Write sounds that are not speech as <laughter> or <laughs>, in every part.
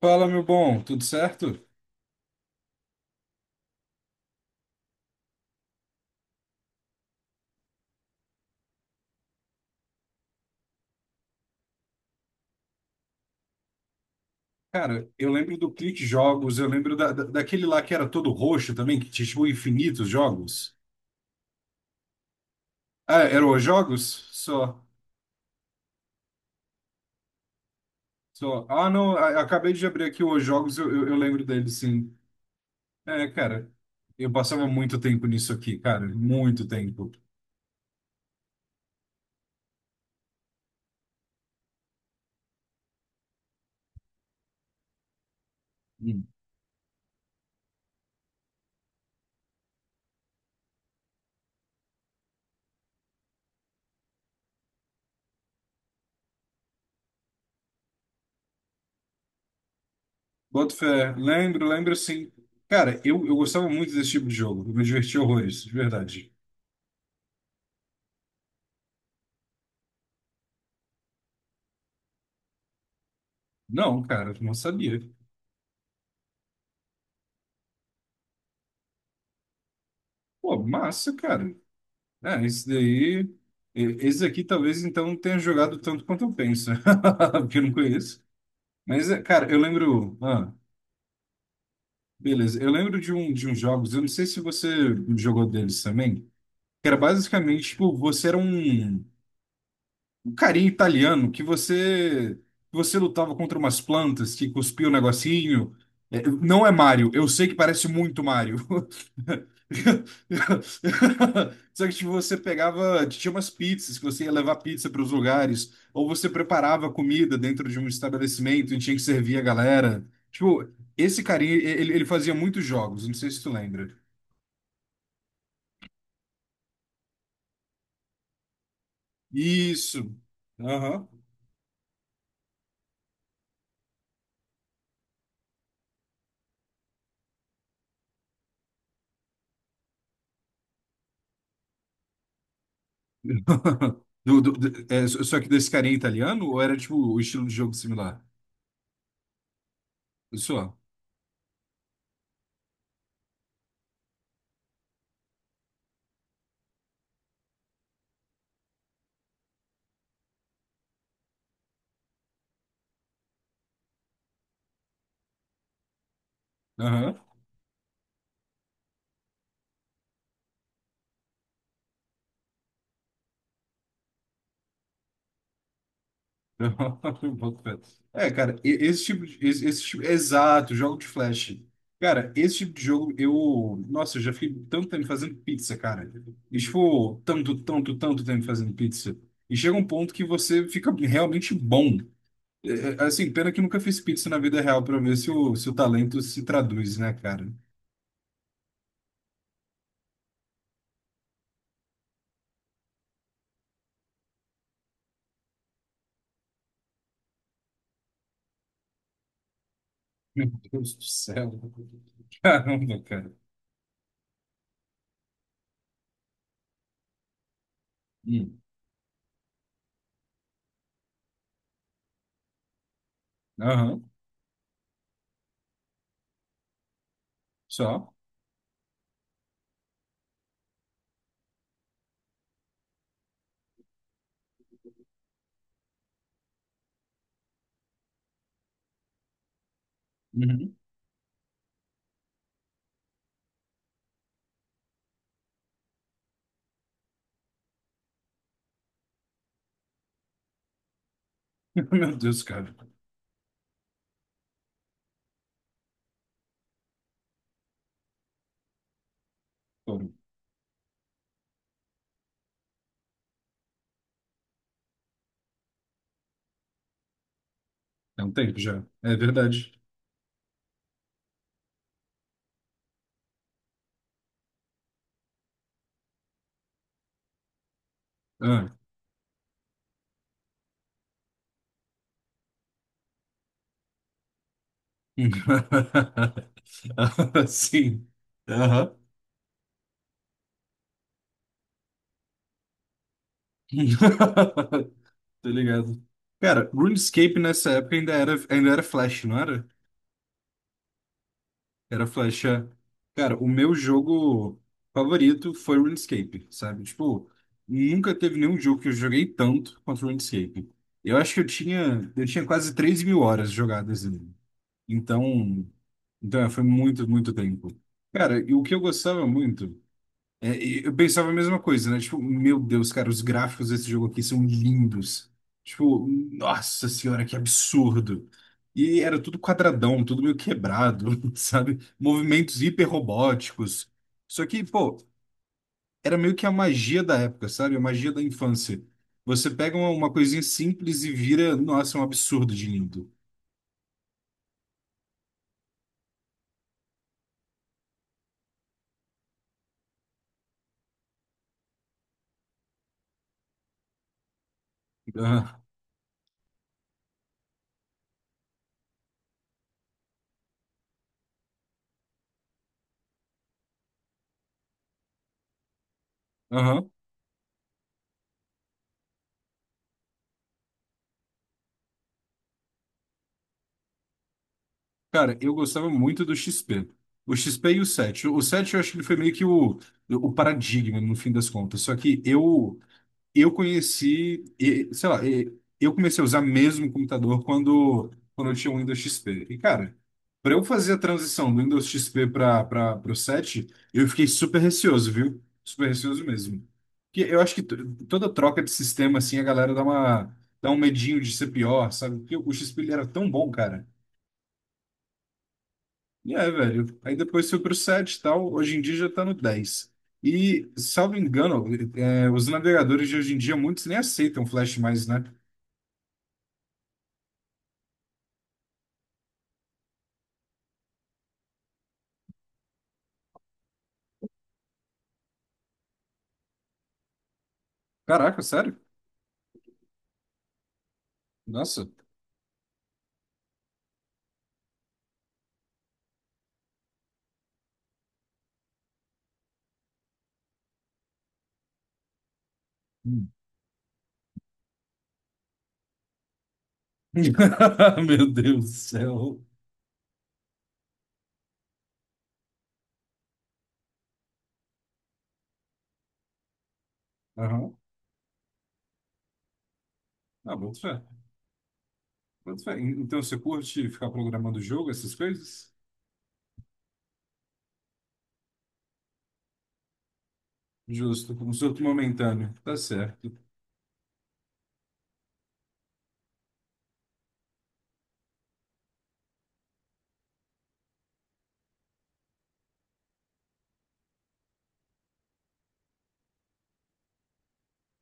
Fala, meu bom, tudo certo? Cara, eu lembro do Clique Jogos, eu lembro daquele lá que era todo roxo também, que tinha tipo, infinitos jogos. Ah, era os jogos? Só, só. Ah, não, acabei de abrir aqui os jogos, eu lembro dele, sim. É, cara, eu passava muito tempo nisso aqui, cara, muito tempo. Hum. Boto fé, lembro, lembro sim. Cara, eu gostava muito desse tipo de jogo, eu me divertia horrores, de verdade. Não, cara, não sabia. Pô, massa, cara. É, esse daí. Esse aqui talvez então não tenha jogado tanto quanto eu penso, <laughs> porque eu não conheço. Mas, é, cara, eu lembro. Ah, beleza. Eu lembro de um de uns jogos, eu não sei se você jogou deles também, que era basicamente, tipo, você era um. Um carinha italiano que você lutava contra umas plantas que cuspia o negocinho. É, não é Mario, eu sei que parece muito Mario. <laughs> Só que tipo, você pegava, tinha umas pizzas que você ia levar pizza para os lugares, ou você preparava comida dentro de um estabelecimento e tinha que servir a galera. Tipo, esse carinha, ele fazia muitos jogos, não sei se tu lembra. Isso. Aham. <laughs> Só que desse carinha italiano ou era tipo o estilo de jogo similar? Só. Aham. <laughs> Boto fé. É, cara, esse tipo de, esse tipo, exato, jogo de flash. Cara, esse tipo de jogo eu, nossa, eu já fiquei tanto tempo fazendo pizza, cara. E tipo, tanto, tanto, tanto tempo fazendo pizza. E chega um ponto que você fica realmente bom. Assim, pena que eu nunca fiz pizza na vida real pra ver se o talento se traduz, né, cara? Meu Deus do céu. Caramba, cara. Hum. Aham, só. Uhum. <laughs> Meu Deus, cara. Pô, é um tempo já. É verdade. Ah. <laughs> Ah, sim. Aham. <laughs> Tô ligado. Cara, RuneScape nessa época ainda era Flash, não era? Era flecha. Cara, o meu jogo favorito foi RuneScape, sabe? Tipo, nunca teve nenhum jogo que eu joguei tanto quanto RuneScape. Eu acho que eu tinha quase 3.000 horas jogadas nele. Então, então é, foi muito, muito tempo. Cara, e o que eu gostava muito é, e eu pensava a mesma coisa, né? Tipo, meu Deus, cara, os gráficos desse jogo aqui são lindos. Tipo, nossa senhora, que absurdo. E era tudo quadradão, tudo meio quebrado, <laughs> sabe? Movimentos hiperrobóticos. Só que, pô, era meio que a magia da época, sabe? A magia da infância. Você pega uma coisinha simples e vira, nossa, um absurdo de lindo. <laughs> Ah, aham. Cara, eu gostava muito do XP. O XP e o 7. O 7 eu acho que ele foi meio que o paradigma, no fim das contas. Só que eu conheci, e, sei lá, e, eu comecei a usar mesmo o computador quando eu tinha o Windows XP. E, cara, para eu fazer a transição do Windows XP para o 7, eu fiquei super receoso, viu? Super receoso mesmo. Porque eu acho que toda troca de sistema, assim, a galera dá um medinho de ser pior, sabe? Porque o XP ele era tão bom, cara. E é, velho. Aí depois foi pro 7 e tal. Hoje em dia já tá no 10. E, salvo engano, é, os navegadores de hoje em dia, muitos nem aceitam Flash mais, né? Caraca, sério? Nossa. Hum. <laughs> Meu Deus do céu. Aham. Ah, boto fé. Boto fé. Então você curte ficar programando o jogo, essas coisas? Justo, um surto momentâneo. Tá certo.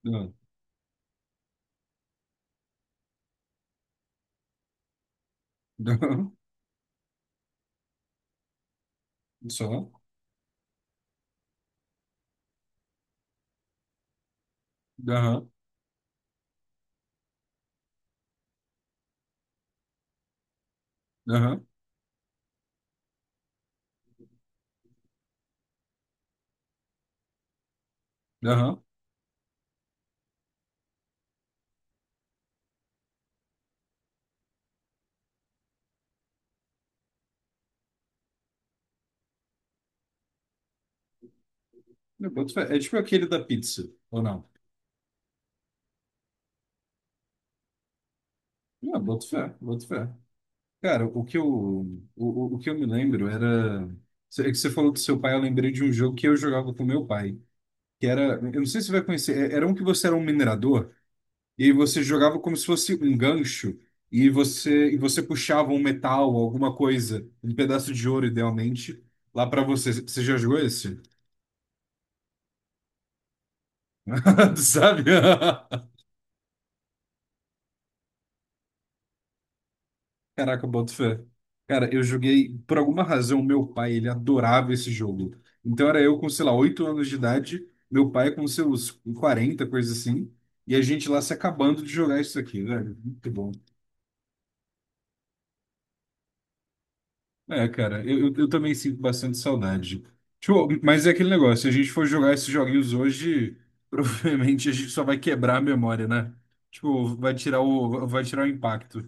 Aham. Aham. Só. Aham. Aham. Aham. Eu boto fé. É tipo aquele da pizza, ou não? Ah, boto fé, boto fé. Cara, o que eu me lembro era. É que você falou do seu pai, eu lembrei de um jogo que eu jogava com meu pai. Que era. Eu não sei se você vai conhecer. Era um que você era um minerador, e aí você jogava como se fosse um gancho, e e você puxava um metal, alguma coisa, um pedaço de ouro, idealmente, lá pra você. Você já jogou esse? <laughs> Sabe? <laughs> Caraca, boto fé. Cara, eu joguei, por alguma razão, meu pai, ele adorava esse jogo. Então era eu com, sei lá, 8 anos de idade, meu pai com seus 40 coisa assim, e a gente lá se acabando de jogar isso aqui, velho. Muito bom. É, cara, eu também sinto bastante saudade. Tipo, mas é aquele negócio, se a gente for jogar esses joguinhos hoje, <laughs> provavelmente a gente só vai quebrar a memória, né? Tipo, vai tirar o impacto.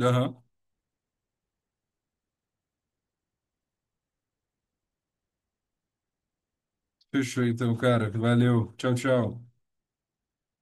Aham. Fechou então, cara. Valeu. Tchau, tchau.